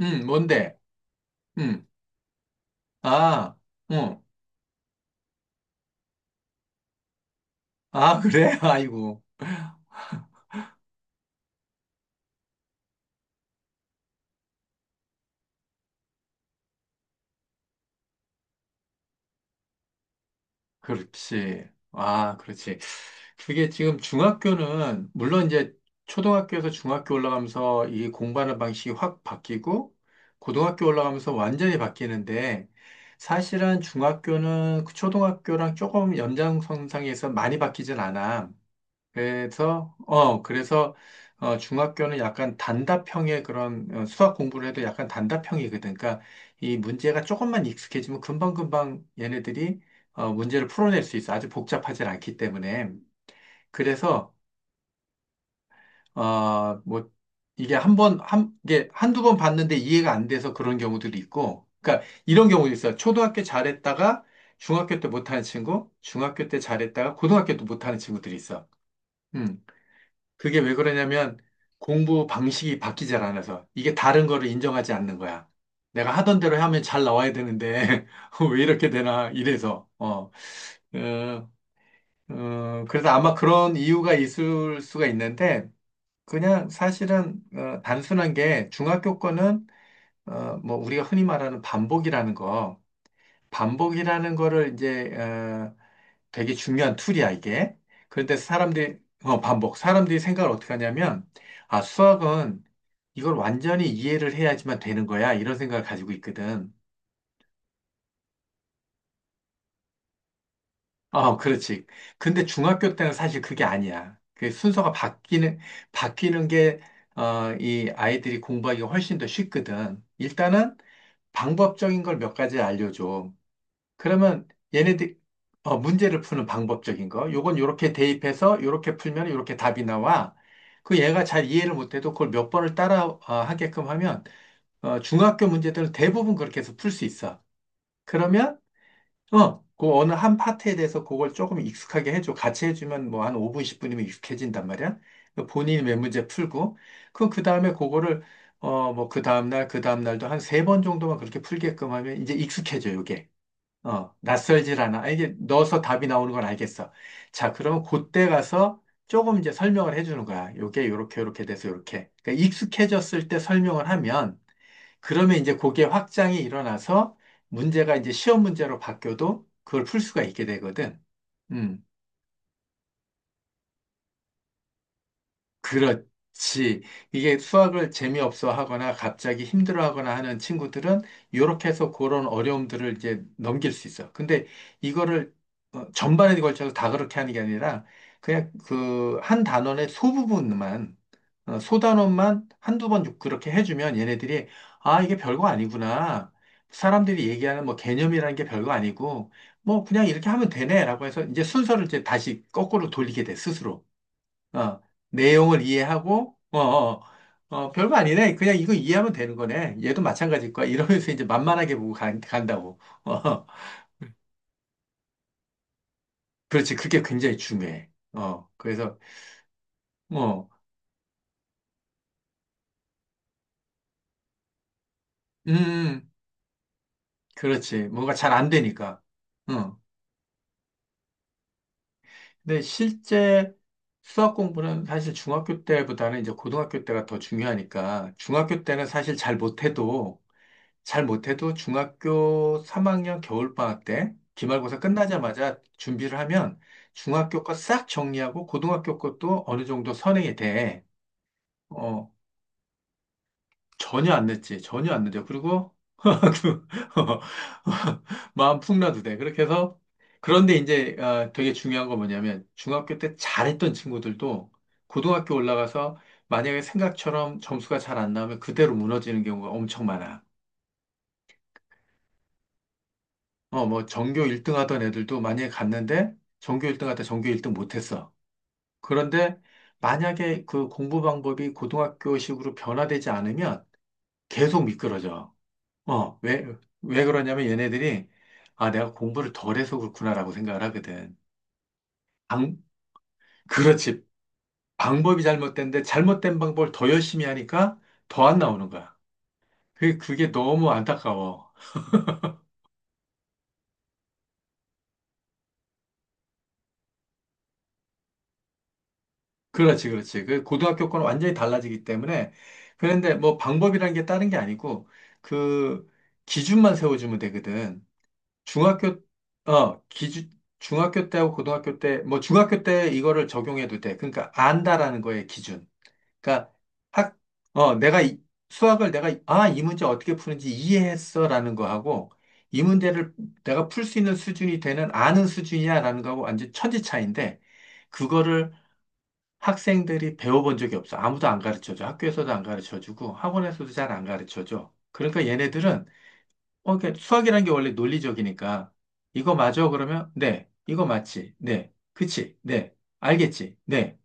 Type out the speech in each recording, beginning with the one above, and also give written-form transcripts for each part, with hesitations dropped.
뭔데? 음, 아, 응. 아, 그래? 아이고. 그렇지. 아, 그렇지. 그게 지금 중학교는, 물론 이제 초등학교에서 중학교 올라가면서 이 공부하는 방식이 확 바뀌고, 고등학교 올라가면서 완전히 바뀌는데, 사실은 중학교는 그 초등학교랑 조금 연장선상에서 많이 바뀌진 않아. 그래서, 중학교는 약간 단답형의 그런 수학 공부를 해도 약간 단답형이거든. 그러니까 이 문제가 조금만 익숙해지면 금방금방 얘네들이 문제를 풀어낼 수 있어. 아주 복잡하지 않기 때문에. 그래서, 뭐, 이게 한두 번 봤는데 이해가 안 돼서 그런 경우들이 있고. 그러니까 이런 경우도 있어요. 초등학교 잘했다가 중학교 때 못하는 친구, 중학교 때 잘했다가 고등학교 때 못하는 친구들이 있어. 음. 그게 왜 그러냐면 공부 방식이 바뀌지 않아서 이게 다른 거를 인정하지 않는 거야. 내가 하던 대로 하면 잘 나와야 되는데 왜 이렇게 되나 이래서 어, 그래서 아마 그런 이유가 있을 수가 있는데 그냥 사실은 단순한 게 중학교 거는 뭐 우리가 흔히 말하는 반복이라는 거 반복이라는 거를 이제 되게 중요한 툴이야, 이게. 그런데 사람들이, 반복. 사람들이 생각을 어떻게 하냐면, 아, 수학은 이걸 완전히 이해를 해야지만 되는 거야. 이런 생각을 가지고 있거든. 그렇지. 근데 중학교 때는 사실 그게 아니야. 그 순서가 바뀌는 게, 이 아이들이 공부하기가 훨씬 더 쉽거든. 일단은 방법적인 걸 몇 가지 알려줘. 그러면 얘네들 문제를 푸는 방법적인 거. 요건 요렇게 대입해서 요렇게 풀면 요렇게 답이 나와. 그 얘가 잘 이해를 못해도 그걸 몇 번을 따라 하게끔 하면 중학교 문제들은 대부분 그렇게 해서 풀 수 있어. 그러면 그 어느 한 파트에 대해서 그걸 조금 익숙하게 해줘. 같이 해주면 뭐 한 5분, 10분이면 익숙해진단 말이야. 그 본인이 몇 문제 풀고 그 다음에 그거를 뭐 그 다음날 그 다음날도 한 세 번 정도만 그렇게 풀게끔 하면 이제 익숙해져 요게. 낯설질 않아. 아, 이게 넣어서 답이 나오는 건 알겠어. 자, 그러면 그때 가서 조금 이제 설명을 해주는 거야. 요게 요렇게 요렇게 돼서 요렇게. 그러니까 익숙해졌을 때 설명을 하면 그러면 이제 그게 확장이 일어나서 문제가 이제 시험 문제로 바뀌어도 그걸 풀 수가 있게 되거든. 음. 그렇지. 이게 수학을 재미없어 하거나 갑자기 힘들어 하거나 하는 친구들은 이렇게 해서 그런 어려움들을 이제 넘길 수 있어. 근데 이거를 전반에 걸쳐서 다 그렇게 하는 게 아니라 그냥 그 한 단원의 소부분만, 소단원만 한두 번 그렇게 해주면 얘네들이 아, 이게 별거 아니구나. 사람들이 얘기하는 뭐 개념이라는 게 별거 아니고 뭐 그냥 이렇게 하면 되네라고 해서 이제 순서를 이제 다시 거꾸로 돌리게 돼, 스스로. 어, 내용을 이해하고, 별거 아니네. 그냥 이거 이해하면 되는 거네. 얘도 마찬가지일 거야. 이러면서 이제 만만하게 보고 간다고. 그렇지. 그게 굉장히 중요해. 그래서, 어 음, 그렇지. 뭔가 잘 안 되니까. 어. 근데 실제 수학 공부는 사실 중학교 때보다는 이제 고등학교 때가 더 중요하니까, 중학교 때는 사실 잘 못해도, 잘 못해도 중학교 3학년 겨울방학 때 기말고사 끝나자마자 준비를 하면 중학교 거 싹 정리하고 고등학교 것도 어느 정도 선행이 돼. 어, 전혀 안 늦지. 전혀 안 늦어. 그리고 그, 어, 마음 풍라도 돼. 그렇게 해서 그런데 이제 되게 중요한 건 뭐냐면 중학교 때 잘했던 친구들도 고등학교 올라가서 만약에 생각처럼 점수가 잘 안 나오면 그대로 무너지는 경우가 엄청 많아. 뭐, 전교 1등 하던 애들도 만약에 갔는데, 전교 1등 하다 전교 1등 못했어. 그런데, 만약에 그 공부 방법이 고등학교식으로 변화되지 않으면 계속 미끄러져. 어, 왜, 왜 그러냐면 얘네들이, 아, 내가 공부를 덜해서 그렇구나라고 생각을 하거든. 방, 그렇지. 방법이 잘못된데, 잘못된 방법을 더 열심히 하니까 더 안 나오는 거야. 그게 너무 안타까워. 그렇지, 그렇지. 그 고등학교 거는 완전히 달라지기 때문에 그런데 뭐 방법이라는 게 다른 게 아니고 그 기준만 세워주면 되거든. 중학교 어 기준 중학교 때하고 고등학교 때 뭐 중학교 때 이거를 적용해도 돼. 그러니까 안다라는 거에 기준. 그러니까 학 어 내가 이- 수학을 내가 아 이 문제 어떻게 푸는지 이해했어라는 거하고 이 문제를 내가 풀 수 있는 수준이 되는 아는 수준이야라는 거하고 완전 천지 차이인데. 학생들이 배워본 적이 없어. 아무도 안 가르쳐줘. 학교에서도 안 가르쳐주고 학원에서도 잘 안 가르쳐줘. 그러니까 얘네들은 그게 수학이라는 게 원래 논리적이니까 이거 맞아? 그러면 네. 이거 맞지? 네. 그치? 네. 알겠지? 네.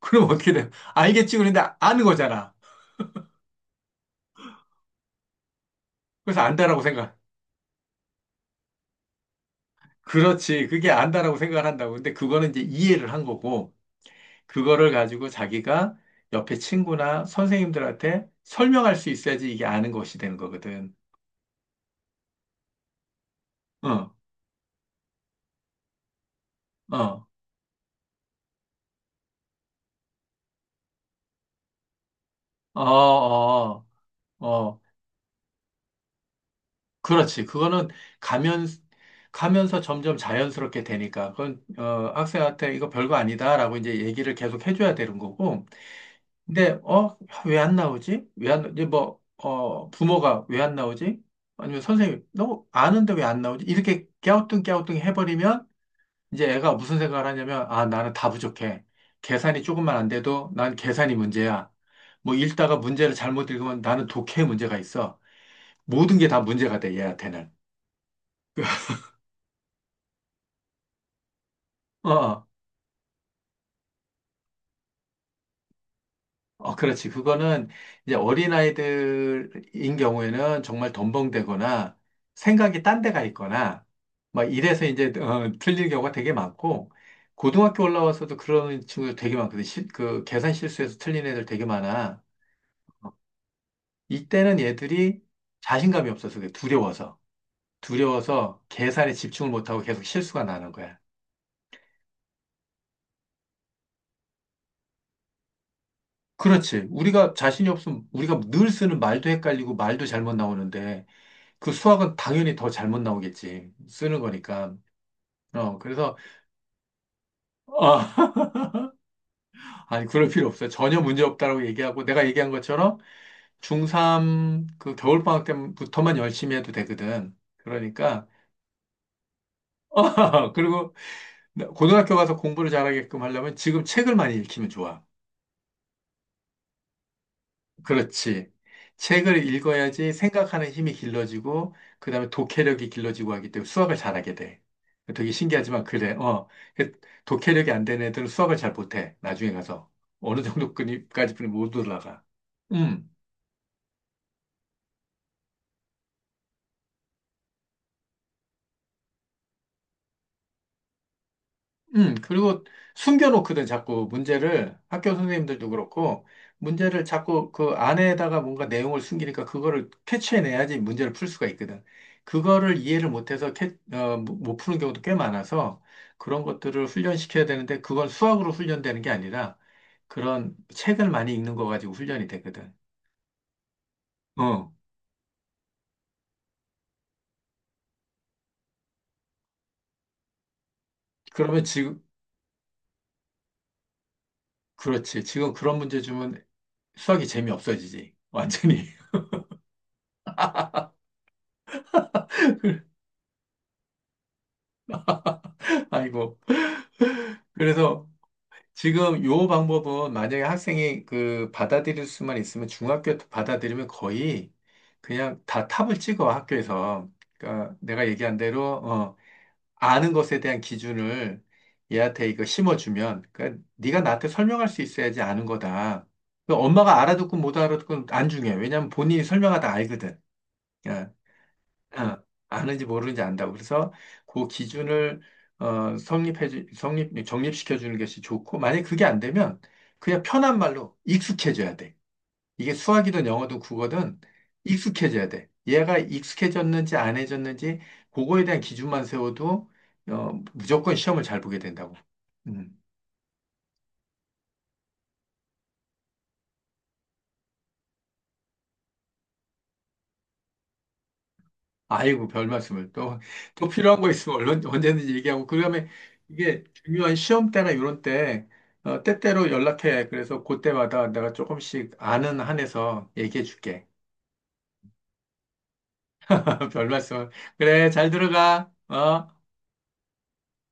그럼 어떻게 돼? 알겠지? 그런데 아는 거잖아. 그래서 안다라고 생각. 그렇지. 그게 안다라고 생각을 한다고. 근데 그거는 이제 이해를 한 거고 그거를 가지고 자기가 옆에 친구나 선생님들한테 설명할 수 있어야지 이게 아는 것이 되는 거거든. 어. 어. 어, 어, 어. 그렇지. 그거는 가면, 가면서 점점 자연스럽게 되니까. 그건, 학생한테 이거 별거 아니다라고 이제 얘기를 계속 해줘야 되는 거고. 근데, 왜 안 나오지? 왜 안, 이제 뭐, 부모가 왜 안 나오지? 아니면 선생님, 너 아는데 왜 안 나오지? 이렇게 깨우뚱깨우뚱 해버리면 이제 애가 무슨 생각을 하냐면, 아, 나는 다 부족해. 계산이 조금만 안 돼도 난 계산이 문제야. 뭐 읽다가 문제를 잘못 읽으면 나는 독해 문제가 있어. 모든 게 다 문제가 돼, 얘한테는. 어, 어, 그렇지. 그거는 이제 어린아이들인 경우에는 정말 덤벙대거나 생각이 딴 데가 있거나 막 이래서 이제 틀린 경우가 되게 많고 고등학교 올라와서도 그런 친구들 되게 많거든. 그 계산 실수해서 틀린 애들 되게 많아. 이때는 얘들이 자신감이 없어서 그래. 두려워서. 두려워서 계산에 집중을 못하고 계속 실수가 나는 거야. 그렇지. 우리가 자신이 없으면 우리가 늘 쓰는 말도 헷갈리고 말도 잘못 나오는데 그 수학은 당연히 더 잘못 나오겠지. 쓰는 거니까. 그래서, 아, 아니, 그럴 필요 없어요. 전혀 문제 없다라고 얘기하고, 내가 얘기한 것처럼 중3 그 겨울방학 때부터만 열심히 해도 되거든. 그러니까, 그리고 고등학교 가서 공부를 잘하게끔 하려면 지금 책을 많이 읽히면 좋아. 그렇지. 책을 읽어야지 생각하는 힘이 길러지고, 그 다음에 독해력이 길러지고 하기 때문에 수학을 잘하게 돼. 되게 신기하지만 그래. 어. 그 독해력이 안 되는 애들은 수학을 잘 못해. 나중에 가서. 어느 정도까지 뿐이 못 올라가. 음. 그리고 숨겨놓거든, 자꾸 문제를. 학교 선생님들도 그렇고, 문제를 자꾸 그 안에다가 뭔가 내용을 숨기니까 그거를 캐치해내야지 문제를 풀 수가 있거든. 그거를 이해를 못해서 캐, 어, 못 못못 푸는 경우도 꽤 많아서 그런 것들을 훈련시켜야 되는데 그건 수학으로 훈련되는 게 아니라 그런 책을 많이 읽는 거 가지고 훈련이 되거든. 어, 그러면 지금, 그렇지. 지금 그런 문제 주면 수학이 재미없어지지. 완전히. 아이고. 그래서 지금 요 방법은 만약에 학생이 그 받아들일 수만 있으면 중학교 받아들이면 거의 그냥 다 탑을 찍어 학교에서. 그러니까 내가 얘기한 대로 아는 것에 대한 기준을 얘한테 이거 심어주면 그러니까 네가 나한테 설명할 수 있어야지 아는 거다. 그 엄마가 알아듣고 못 알아듣고 안 중요해. 왜냐면 본인이 설명하다 알거든. 어. 어, 아는지 모르는지 안다고. 그래서 그 기준을 정립시켜 주는 것이 좋고, 만약에 그게 안 되면 그냥 편한 말로 익숙해져야 돼. 이게 수학이든 영어든 국어든 익숙해져야 돼. 얘가 익숙해졌는지 안 해졌는지 그거에 대한 기준만 세워도 무조건 시험을 잘 보게 된다고. 음. 아이고, 별 말씀을. 또, 또 필요한 거 있으면 얼른, 언제든지 얘기하고. 그다음에 이게 중요한 시험 때나 이런 때, 때때로 연락해. 그래서 그때마다 내가 조금씩 아는 한에서 얘기해 줄게. 별 말씀을. 그래, 잘 들어가. 어?